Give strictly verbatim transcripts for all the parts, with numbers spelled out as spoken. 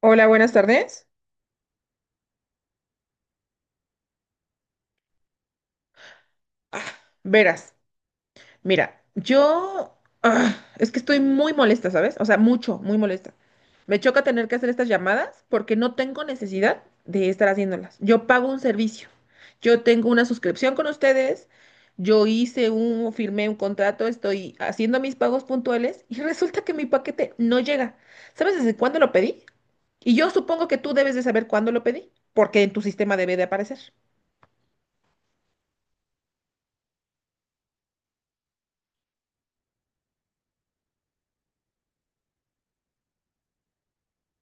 Hola, buenas tardes. Ah, verás, mira, yo ah, es que estoy muy molesta, ¿sabes? O sea, mucho, muy molesta. Me choca tener que hacer estas llamadas porque no tengo necesidad de estar haciéndolas. Yo pago un servicio. Yo tengo una suscripción con ustedes. Yo hice un, firmé un contrato, estoy haciendo mis pagos puntuales y resulta que mi paquete no llega. ¿Sabes desde cuándo lo pedí? Y yo supongo que tú debes de saber cuándo lo pedí, porque en tu sistema debe de aparecer.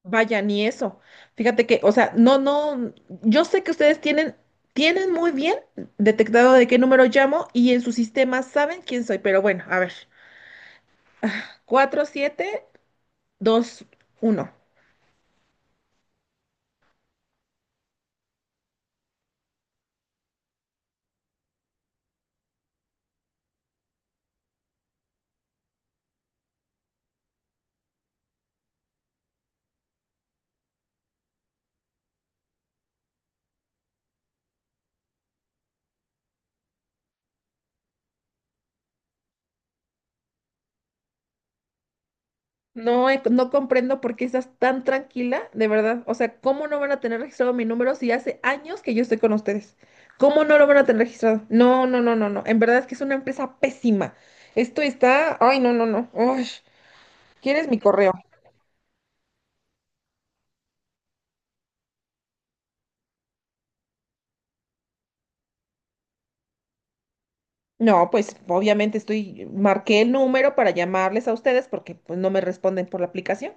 Vaya, ni eso. Fíjate que, o sea, no, no, yo sé que ustedes tienen, tienen muy bien detectado de qué número llamo y en su sistema saben quién soy, pero bueno, a ver, cuatro siete dos uno. No, he- no comprendo por qué estás tan tranquila, de verdad. O sea, ¿cómo no van a tener registrado mi número si hace años que yo estoy con ustedes? ¿Cómo no lo van a tener registrado? No, no, no, no, no. En verdad es que es una empresa pésima. Esto está, ay, no, no, no. Uy, ¿quieres mi correo? No, pues obviamente estoy, marqué el número para llamarles a ustedes porque pues no me responden por la aplicación.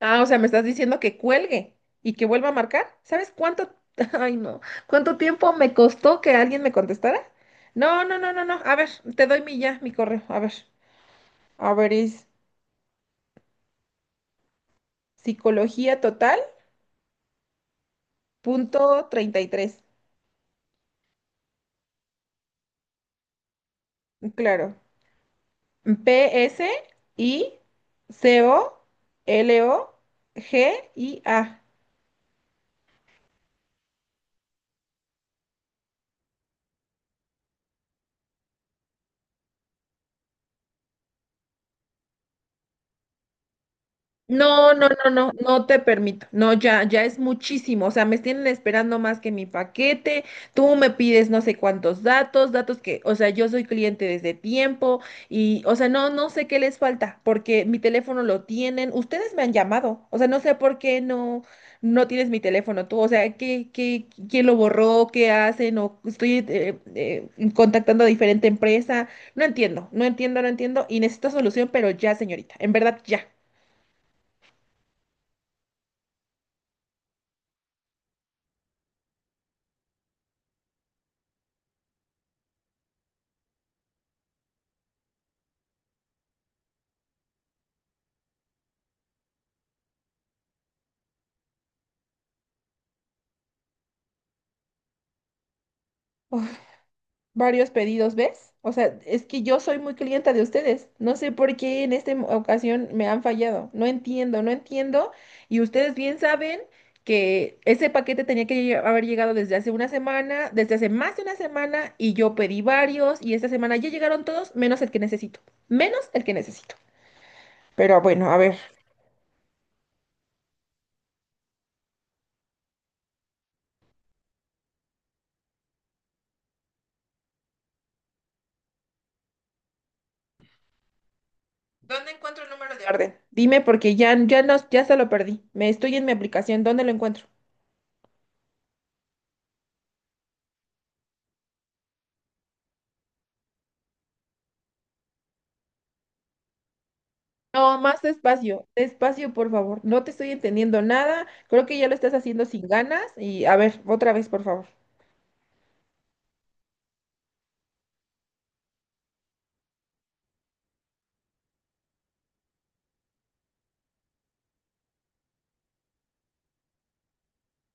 Ah, o sea, me estás diciendo que cuelgue y que vuelva a marcar. ¿Sabes cuánto, ay no, cuánto tiempo me costó que alguien me contestara? No, no, no, no, no. A ver, te doy mi ya, mi correo. A ver, a ver, es psicología total punto treinta y tres. Claro. P S I C O L O G I A. No, no, no, no, no te permito. No, ya, ya es muchísimo. O sea, me tienen esperando más que mi paquete. Tú me pides no sé cuántos datos, datos que, o sea, yo soy cliente desde tiempo y, o sea, no, no sé qué les falta porque mi teléfono lo tienen. Ustedes me han llamado. O sea, no sé por qué no, no tienes mi teléfono tú. O sea, ¿qué, qué, quién lo borró? ¿Qué hacen? O estoy eh, eh, contactando a diferente empresa. No entiendo, no entiendo, no entiendo y necesito solución, pero ya, señorita, en verdad, ya. Varios pedidos, ¿ves? O sea, es que yo soy muy clienta de ustedes. No sé por qué en esta ocasión me han fallado. No entiendo, no entiendo. Y ustedes bien saben que ese paquete tenía que lle- haber llegado desde hace una semana, desde hace más de una semana, y yo pedí varios, y esta semana ya llegaron todos, menos el que necesito. Menos el que necesito. Pero bueno, a ver. ¿Dónde encuentro el número de orden? Dime porque ya, ya no, ya se lo perdí. Me estoy en mi aplicación. ¿Dónde lo encuentro? No, más despacio, despacio, por favor. No te estoy entendiendo nada. Creo que ya lo estás haciendo sin ganas. Y a ver, otra vez, por favor.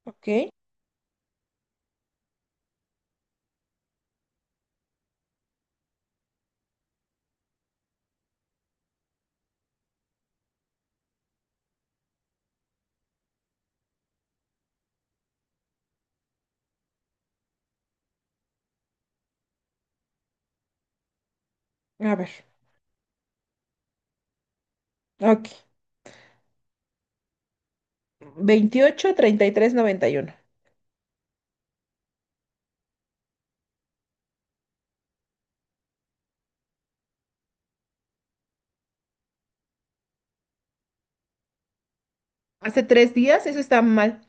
Ok, a ver. Ok. Veintiocho treinta y tres noventa y uno. Hace tres días, eso está mal.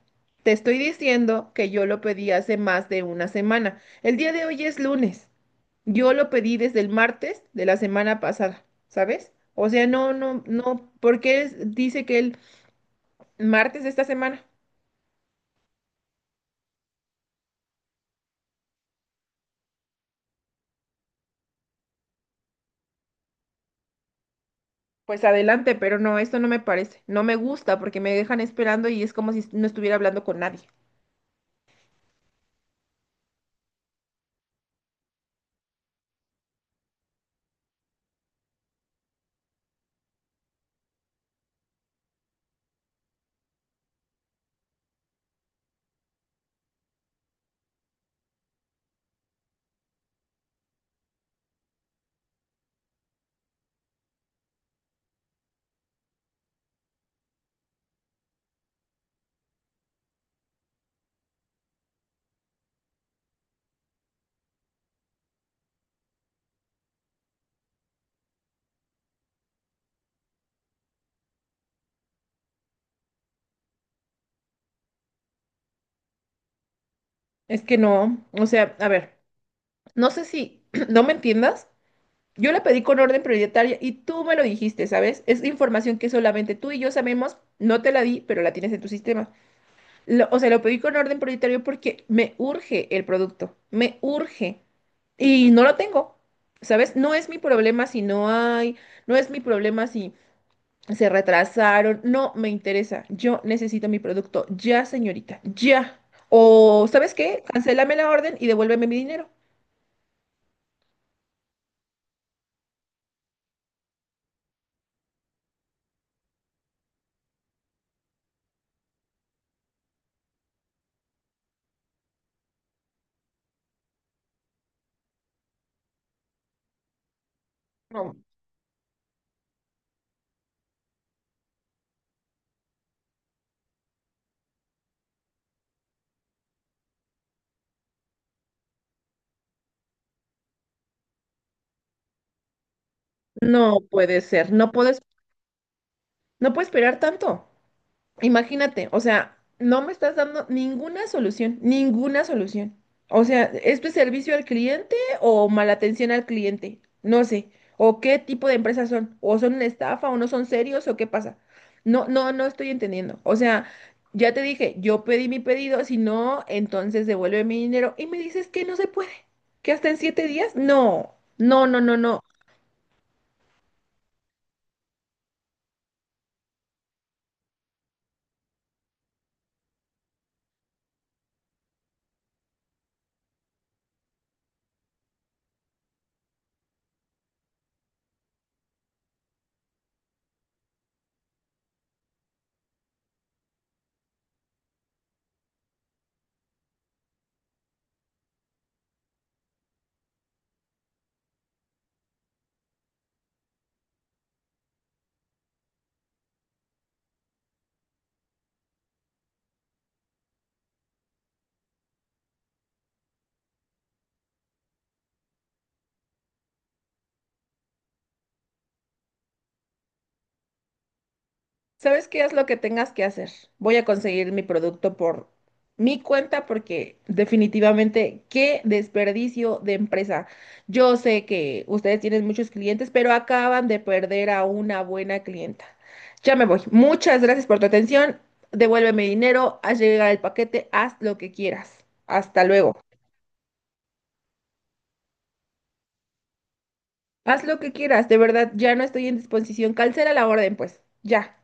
Te estoy diciendo que yo lo pedí hace más de una semana. El día de hoy es lunes. Yo lo pedí desde el martes de la semana pasada, ¿sabes? O sea, no, no, no. ¿Por qué es- dice que el martes de esta semana? Pues adelante, pero no, esto no me parece, no me gusta porque me dejan esperando y es como si no estuviera hablando con nadie. Es que no, o sea, a ver, no sé si no me entiendas. Yo la pedí con orden prioritaria y tú me lo dijiste, ¿sabes? Es información que solamente tú y yo sabemos, no te la di, pero la tienes en tu sistema. Lo- o sea, lo pedí con orden prioritario porque me urge el producto, me urge y no lo tengo, ¿sabes? No es mi problema si no hay, no es mi problema si se retrasaron. No me interesa. Yo necesito mi producto ya, señorita. Ya. O, ¿sabes qué? Cancélame la orden y devuélveme mi dinero. No, no puede ser. No puedes, no puedo esperar tanto. Imagínate, o sea, no me estás dando ninguna solución, ninguna solución. O sea, ¿esto es servicio al cliente o mala atención al cliente? No sé. ¿O qué tipo de empresas son? ¿O son una estafa o no son serios o qué pasa? No, no, no estoy entendiendo. O sea, ya te dije, yo pedí mi pedido, si no, entonces devuelve mi dinero y me dices que no se puede, que hasta en siete días. No, no, no, no, no. ¿Sabes qué? Haz lo que tengas que hacer. Voy a conseguir mi producto por mi cuenta porque definitivamente qué desperdicio de empresa. Yo sé que ustedes tienen muchos clientes, pero acaban de perder a una buena clienta. Ya me voy. Muchas gracias por tu atención. Devuélveme dinero, haz llegar el paquete, haz lo que quieras. Hasta luego. Haz lo que quieras, de verdad, ya no estoy en disposición. Cancela la orden, pues. Ya.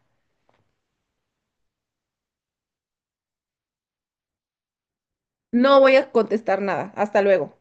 No voy a contestar nada. Hasta luego.